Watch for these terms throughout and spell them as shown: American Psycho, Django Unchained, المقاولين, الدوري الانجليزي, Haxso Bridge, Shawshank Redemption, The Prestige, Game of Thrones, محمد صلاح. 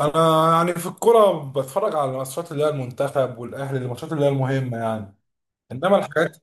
انا يعني في الكوره بتفرج على الماتشات اللي هي المنتخب والاهلي، الماتشات اللي هي المهمه يعني. انما الحاجات،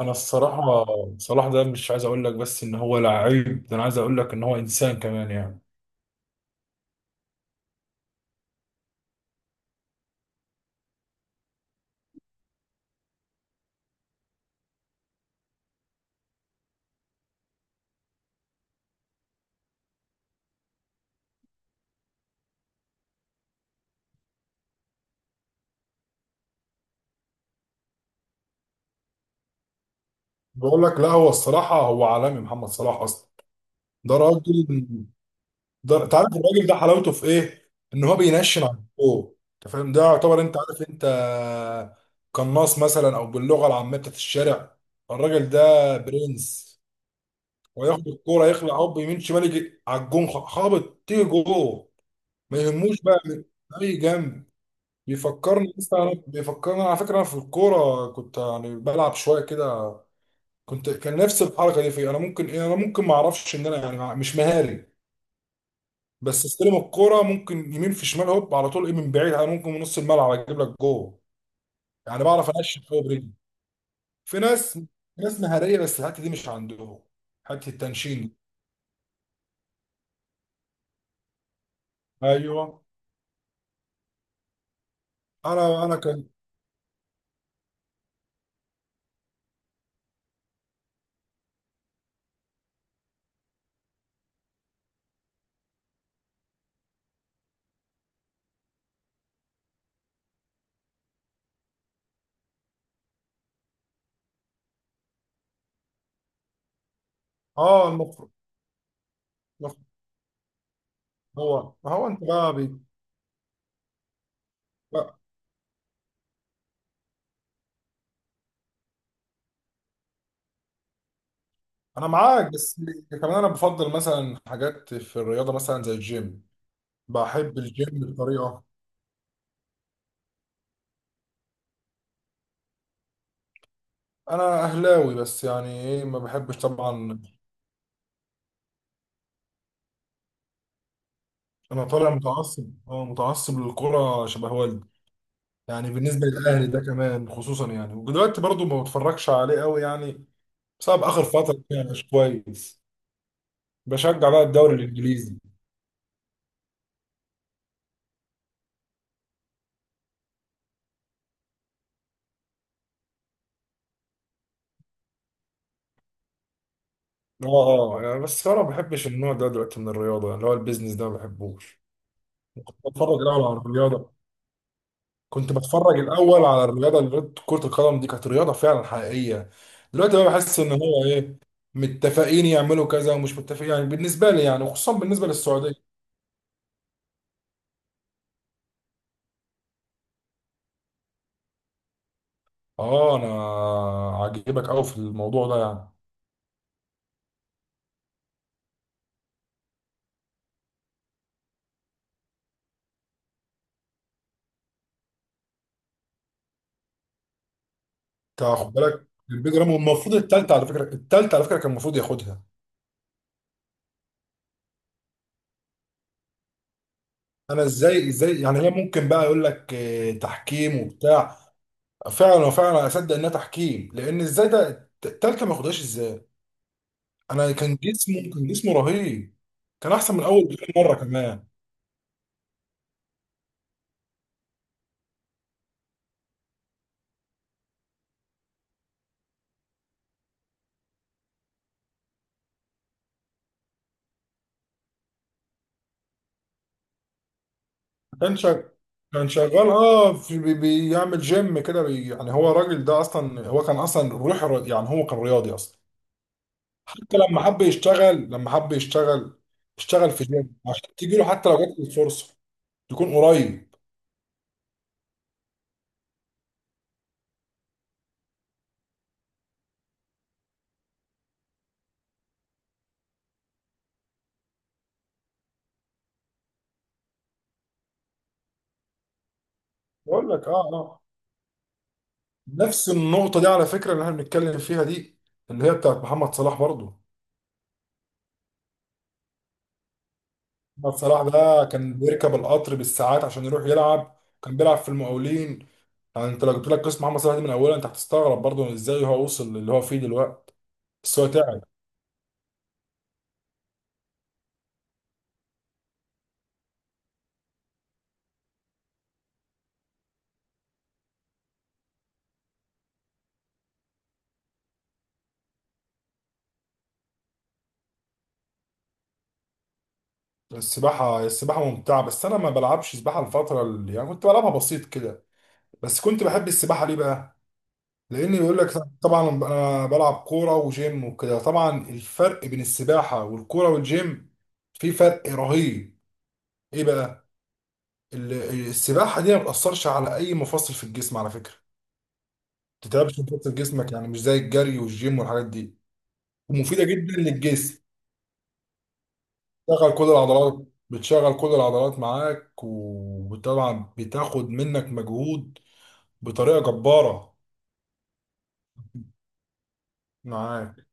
انا الصراحه، صلاح ده مش عايز اقول لك بس ان هو لعيب، ده انا عايز اقول لك ان هو انسان كمان يعني. بقول لك، لا هو الصراحه هو عالمي محمد صلاح اصلا. ده راجل. ده انت عارف الراجل ده، حلاوته في ايه؟ ان هو بينشن على الجو، انت فاهم؟ ده يعتبر، انت عارف، انت قناص مثلا، او باللغه العاميه بتاعت الشارع، الراجل ده برنس. وياخد الكوره يخلع، هوب يمين شمال، يجي على الجون خابط، تيجي جوه. ما يهموش بقى من اي جنب. بيفكرني على فكره، أنا في الكوره كنت يعني بلعب شويه كده. كنت كان نفس الحركه دي فيا، انا ممكن ما اعرفش ان انا يعني مش مهاري. بس استلم الكوره، ممكن يمين في شمال هوب، على طول ايه، من بعيد انا ممكن من نص الملعب اجيب لك جوه. يعني بعرف انشن قوي برجلي. في ناس مهاريه، بس الحته دي مش عندهم. حته التنشين دي. ايوه. انا كان اه المف... هو، ما هو انت بقى. بقى- انا معاك، بس كمان انا بفضل مثلا حاجات في الرياضه، مثلا زي الجيم. بحب الجيم بطريقه. انا اهلاوي، بس يعني ايه ما بحبش طبعا. انا طالع متعصب للكره شبه والدي. يعني بالنسبه للاهلي ده كمان خصوصا يعني. ودلوقتي برضو ما بتفرجش عليه قوي يعني، بسبب اخر فتره يعني مش كويس. بشجع بقى الدوري الانجليزي. اه، اه، يعني بس انا ما بحبش النوع ده دلوقتي من الرياضه، اللي هو البيزنس ده ما بحبوش. بتفرج الاول على الرياضه. كنت بتفرج الاول على الرياضه، اللي رياضة كره القدم دي كانت رياضه فعلا حقيقيه. دلوقتي بقى بحس ان هو ايه، متفقين يعملوا كذا ومش متفقين، يعني بالنسبه لي يعني، وخصوصا بالنسبه للسعوديه. اه، انا عاجبك قوي في الموضوع ده يعني. انت خد بالك البيج رامي المفروض الثالثه على فكره كان المفروض ياخدها. انا ازاي يعني، هي ممكن بقى يقول لك تحكيم وبتاع. فعلا وفعلا اصدق انها تحكيم، لان ازاي ده الثالثه ما ياخدهاش ازاي؟ انا كان جسمه رهيب. كان احسن من اول بكتير، مره كمان. كان شغال كان شغال. اه في بيعمل جيم كده، يعني هو الراجل ده اصلا، هو كان اصلا روح يعني هو كان رياضي اصلا. حتى لما حب يشتغل، اشتغل في جيم عشان تيجي له، حتى لو جات له الفرصه تكون قريب. بقول لك، اه، اه، نفس النقطه دي على فكره، اللي احنا بنتكلم فيها دي، اللي هي بتاعت محمد صلاح برضه. محمد صلاح ده كان بيركب القطر بالساعات عشان يروح يلعب. كان بيلعب في المقاولين. يعني انت لو جبت لك قسم عام مصلحه دي من اولها، انت هتستغرب برضه ازاي هو وصل للي هو فيه دلوقتي. بس هو تعب. السباحه، السباحه ممتعه، بس انا ما بلعبش سباحه. الفتره اللي يعني كنت بلعبها بسيط كده. بس كنت بحب السباحه. ليه بقى؟ لان يقول لك، طبعا انا بلعب كوره وجيم وكده، طبعا الفرق بين السباحه والكوره والجيم، في فرق رهيب. ايه بقى؟ ال- السباحه دي ما بتاثرش على اي مفصل في الجسم على فكره، ما بتتعبش مفصل جسمك، يعني مش زي الجري والجيم والحاجات دي. ومفيده جدا للجسم. بتشغل كل العضلات معاك، وطبعا بتاخد منك مجهود بطريقة جبارة. معاك.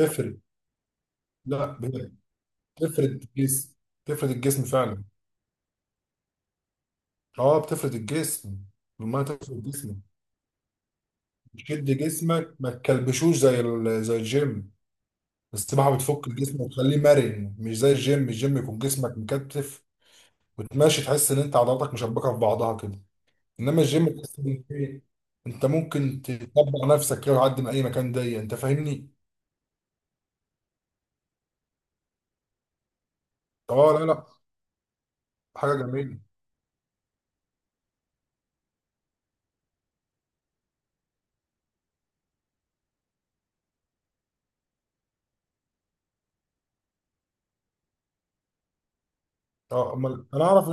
تفرد. لا بجد. تفرد الجسم، تفرد الجسم فعلا. اه، بتفرد الجسم. لما تفرد جسمك، بتشد جسمك، ما تكلبشوش زي الجيم. السباحة بتفك الجسم وتخليه مرن، مش زي الجيم. الجيم يكون جسمك مكتف، وتمشي تحس ان انت عضلاتك مشبكة في بعضها كده. انما الجيم تحس إن إيه، انت ممكن تطبق نفسك كده لحد ما اي مكان ضيق، انت فاهمني؟ اه، لا لا، حاجه جميله. اه، امال انا اعرف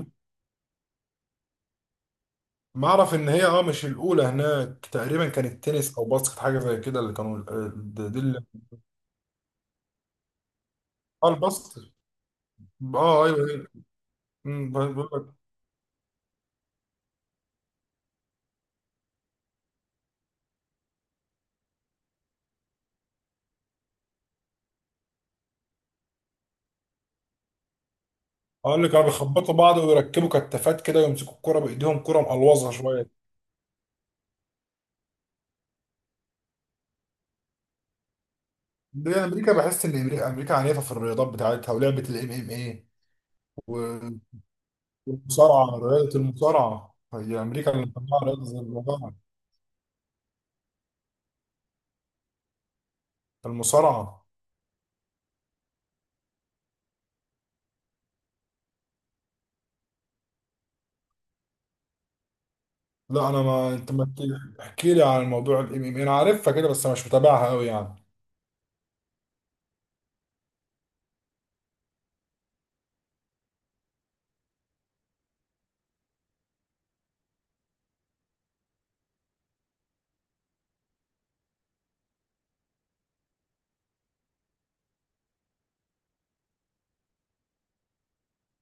ما اعرف ان هي مش الاولى هناك، تقريبا كانت تنس او باسكت، حاجه زي كده اللي كانوا. دي اللي اه الباسكت. اه، ايوه هي. بقول لك، اه، اللي كانوا بيخبطوا بعض ويركبوا كتافات كده، ويمسكوا الكرة بايديهم، كرة مقلوظه شويه. دي امريكا، بحس ان امريكا، امريكا عنيفه في الرياضات بتاعتها، ولعبه الام ام اي. المصارعة، رياضة المصارعة، هي أمريكا اللي مطلعة رياضة زي المصارعة. المصارعة. لا، أنا ما، أنت ما تحكي، احكي لي عن موضوع الام ام، أنا عارفها كده، بس مش متابعها أوي يعني.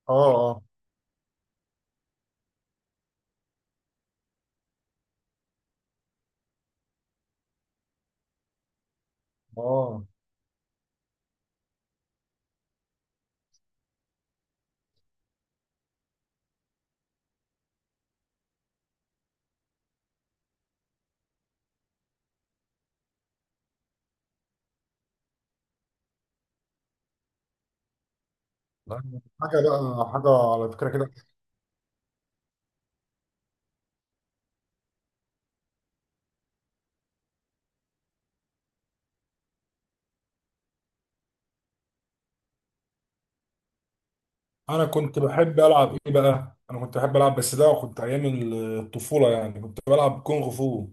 آه، آه، آه، لا، حاجة بقى، حاجة على فكرة كده. أنا كنت بحب ألعب إيه بقى؟ أنا كنت بحب ألعب، بس ده كنت أيام الطفولة، يعني كنت بلعب كونغ فو.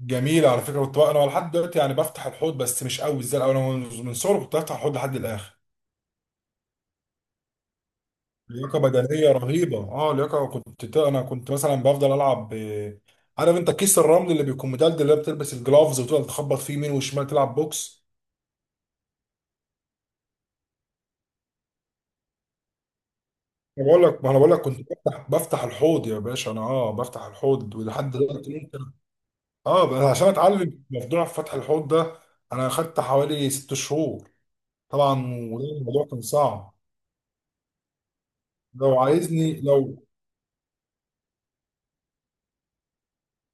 جميل على فكرة. كنت بقى أنا لحد دلوقتي يعني بفتح الحوض، بس مش قوي زي الأول. أنا من صغري كنت بفتح الحوض لحد الآخر. لياقه بدنيه رهيبه اه لياقه انا كنت مثلا بفضل العب، عارف انت كيس الرمل اللي بيكون مدلدل، اللي بتلبس الجلافز وتفضل تخبط فيه يمين وشمال، تلعب بوكس. انا بقول لك، ما انا بقول لك، كنت بفتح الحوض يا باشا. انا بفتح الحوض ولحد دلوقتي ممكن. اه، بس عشان اتعلم موضوع فتح الحوض ده، انا اخدت حوالي 6 شهور. طبعا، وده الموضوع كان صعب. لو عايزني.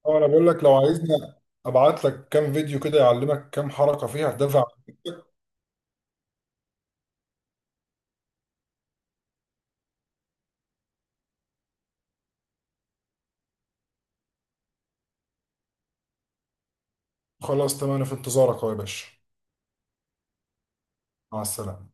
اه، انا بقول لك، لو عايزني ابعت لك كام فيديو كده يعلمك كام حركه فيها هتدفع. خلاص، تمام، أنا في انتظارك أهو يا باشا. مع السلامة.